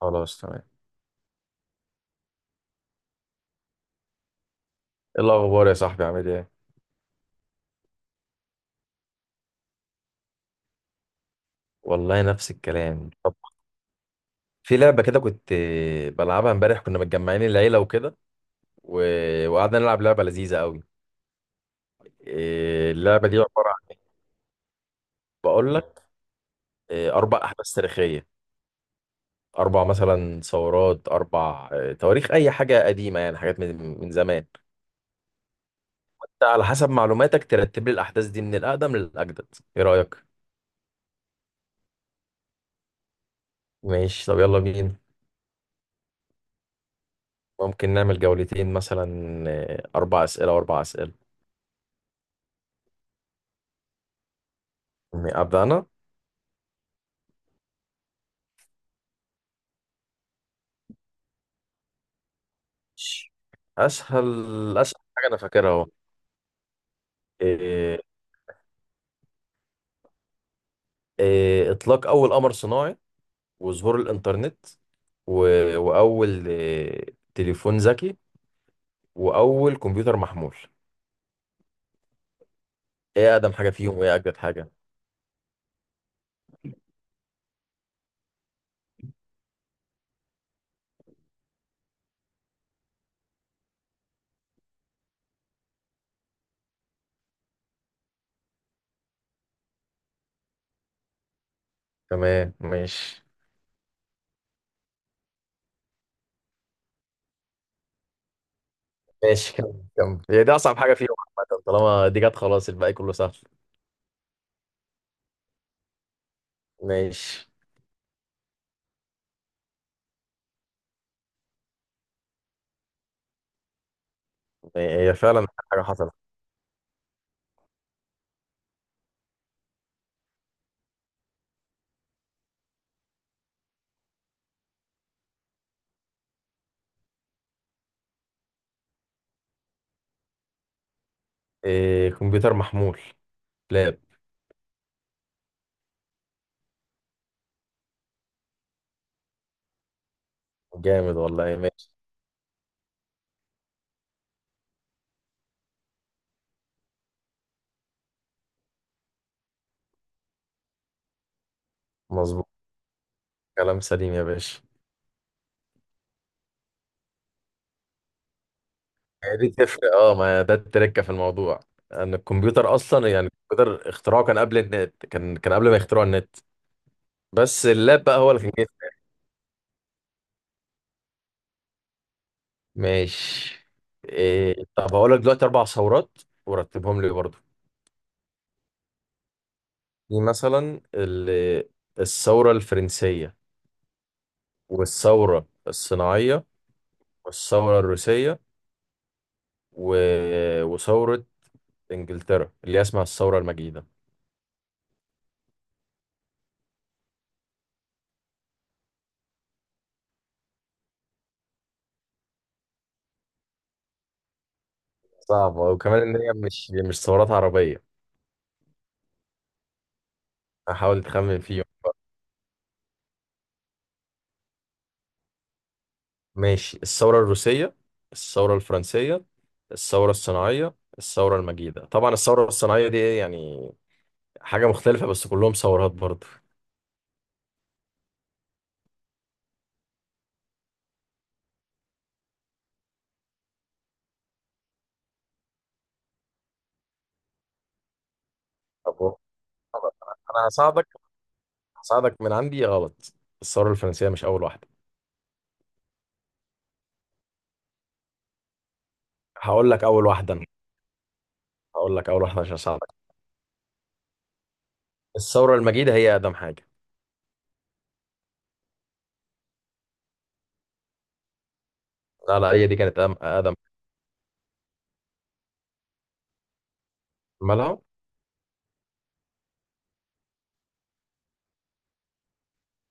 خلاص، تمام. ايه الاخبار يا صاحبي؟ عامل ايه؟ والله نفس الكلام. طب في لعبة كده كنت بلعبها امبارح، كنا متجمعين العيلة وكده و... وقعدنا نلعب لعبة لذيذة قوي. اللعبة دي عبارة عن، بقول لك، 4 أحداث تاريخية، 4 مثلا ثورات، أربع تواريخ، أي حاجة قديمة، يعني حاجات من زمان. أنت على حسب معلوماتك ترتب لي الأحداث دي من الأقدم للأجدد. إيه رأيك؟ ماشي، طب يلا بينا. ممكن نعمل جولتين مثلا، 4 أسئلة و4 أسئلة. أبدأ أنا. اسهل حاجه انا فاكرها اهو. إيه إيه اطلاق اول قمر صناعي، وظهور الانترنت، و... واول تليفون ذكي، واول كمبيوتر محمول. ايه اقدم حاجه فيهم وايه اجدد حاجه؟ تمام ماشي. ماشي، كمل كمل، هي دي اصعب حاجه فيهم. عامه طالما دي جت، خلاص الباقي كله سهل. ماشي. هي فعلا أحلى حاجه حصلت. إيه، كمبيوتر محمول. لاب. جامد والله، ماشي. مظبوط. كلام سليم يا باشا. هي دي تفرق، اه، ما ده التركه في الموضوع، ان الكمبيوتر اصلا، يعني الكمبيوتر اختراعه كان قبل النت، كان قبل ما يخترعوا النت. بس اللاب بقى هو اللي كان جاي. ماشي. طب هقول لك دلوقتي 4 ثورات ورتبهم لي برضه. دي مثلا الثوره الفرنسيه، والثوره الصناعيه، والثوره الروسيه، و... وثوره انجلترا اللي هي اسمها الثوره المجيده. صعبه، وكمان ان هي مش ثورات عربيه. هحاول تخمن فيهم. ماشي، الثورة الروسية، الثورة الفرنسية، الثورة الصناعية، الثورة المجيدة. طبعا الثورة الصناعية دي إيه يعني، حاجة مختلفة، بس كلهم ثورات برضه. طب هو- أنا هساعدك، هساعدك من عندي. غلط، الثورة الفرنسية مش أول واحدة. هقول لك أول واحدة أنا، هقول لك أول واحدة عشان أساعدك. الثورة المجيدة هي أقدم حاجة. لا هي دي كانت أقدم. مالها؟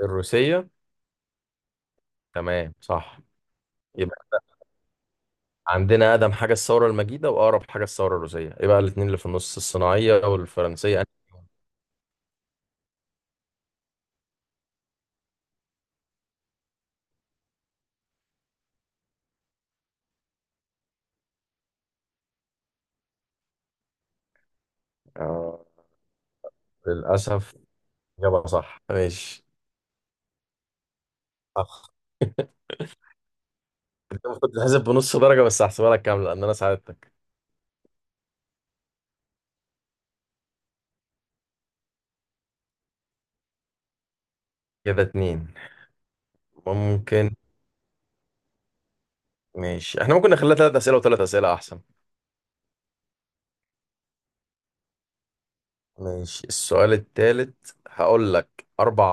الروسية، تمام صح. يبقى عندنا أقدم حاجة الثورة المجيدة، وأقرب حاجة الثورة الروسية، يبقى الاتنين اللي في النص الصناعية والفرنسية. آه. للأسف. إجابة صح، ماشي. أخ. أنت المفروض تتحسب بنص درجة، بس هحسبها لك كاملة لأن أنا ساعدتك. كده 2. ممكن، ماشي، احنا ممكن نخليها 3 أسئلة و3 أسئلة أحسن. ماشي. السؤال التالت هقول لك 4،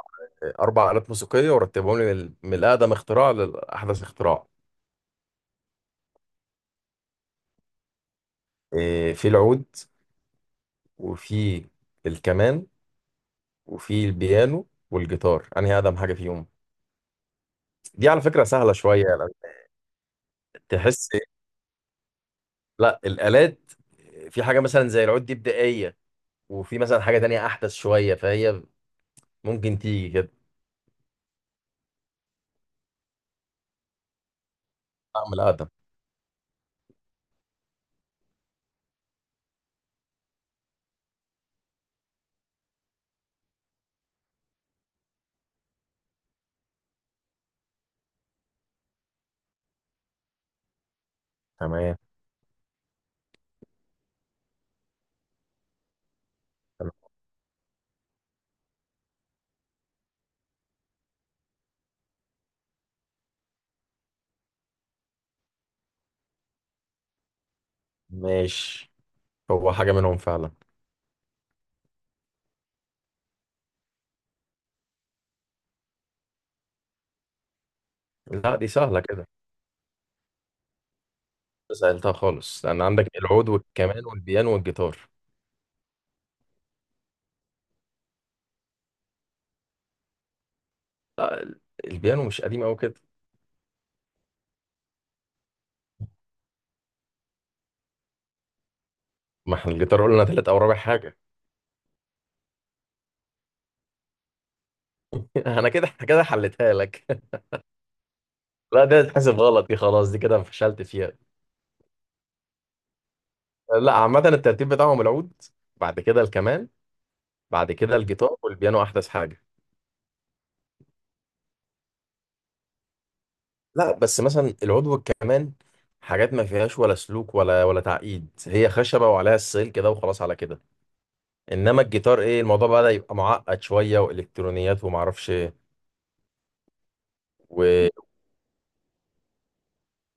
4 آلات موسيقية ورتبهم لي من الأقدم اختراع لأحدث اختراع. في العود، وفي الكمان، وفي البيانو والجيتار. أنهي أقدم حاجة فيهم؟ دي على فكرة سهلة شوية يعني، تحس. لا، الآلات، في حاجة مثلا زي العود دي بدائية، وفي مثلا حاجة تانية أحدث شوية، فهي ممكن تيجي كده. أعمل أقدم. تمام تمام ماشي. هو حاجة منهم فعلا. لا، دي سهلة كده، سألتها خالص، لأن عندك العود والكمان والبيانو والجيتار. لا، البيانو مش قديم أوي كده. ما احنا الجيتار قلنا تالت أو رابع حاجة. أنا كده كده حلتها لك. لا دي هتتحسب غلط، دي خلاص دي كده فشلت فيها. لا عامة الترتيب بتاعهم العود، بعد كده الكمان، بعد كده الجيتار والبيانو أحدث حاجة. لا بس مثلا العضو كمان، حاجات ما فيهاش ولا سلوك ولا تعقيد، هي خشبة وعليها السلك كده وخلاص على كده. انما الجيتار، ايه، الموضوع بدأ يبقى معقد شوية، والكترونيات وما اعرفش ايه. وما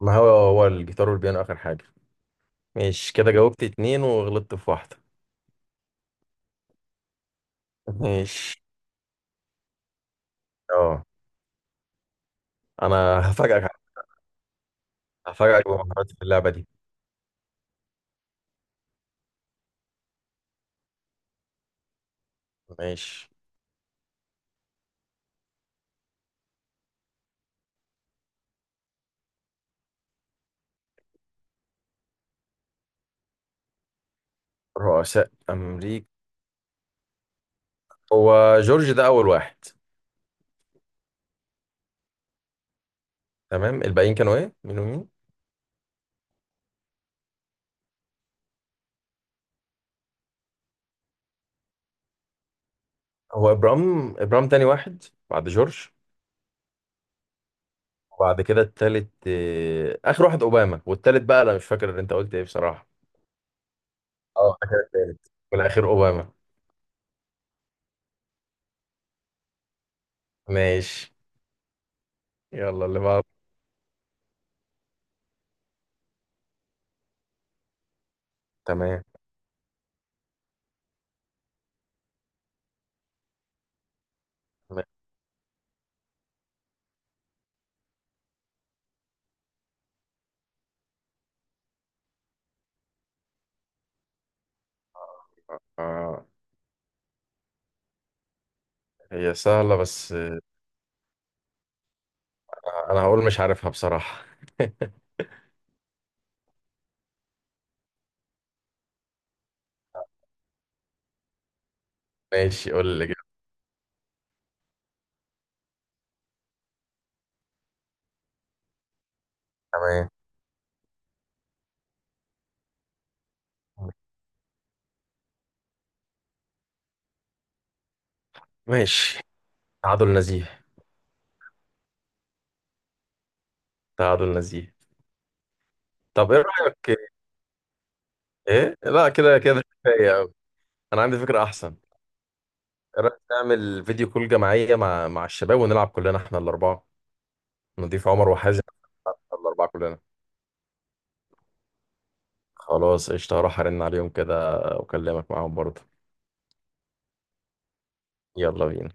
هو الجيتار والبيانو اخر حاجة. مش كده؟ جاوبت 2 وغلطت في واحدة. مش، اه انا هفاجئك، هفاجئك بمهاراتي في اللعبة دي. ماشي. رؤساء امريكا. هو جورج ده اول واحد. تمام، الباقيين كانوا ايه، مين ومين؟ هو ابرام تاني واحد بعد جورج. وبعد كده التالت، آه، اخر واحد اوباما، والتالت بقى انا مش فاكر اللي انت قلت ايه بصراحه. اه، ده كده التالت والاخير اوباما. ماشي. يلا اللي بعده. تمام. آه، هي سهله، بس آه، انا هقول مش عارفها بصراحه. ماشي، قول اللي جاي. تمام. ماشي. تعادل نزيه. تعادل نزيه. طب ايه رايك؟ ايه، لا كده كده كفايه قوي. انا عندي فكره احسن. ايه رايك نعمل فيديو كول جماعيه مع الشباب، ونلعب كلنا احنا الاربعه؟ نضيف عمر وحازم، احنا الاربعه كلنا. خلاص قشطة، هروح ارن عليهم كده واكلمك معاهم برضه. يلا بينا.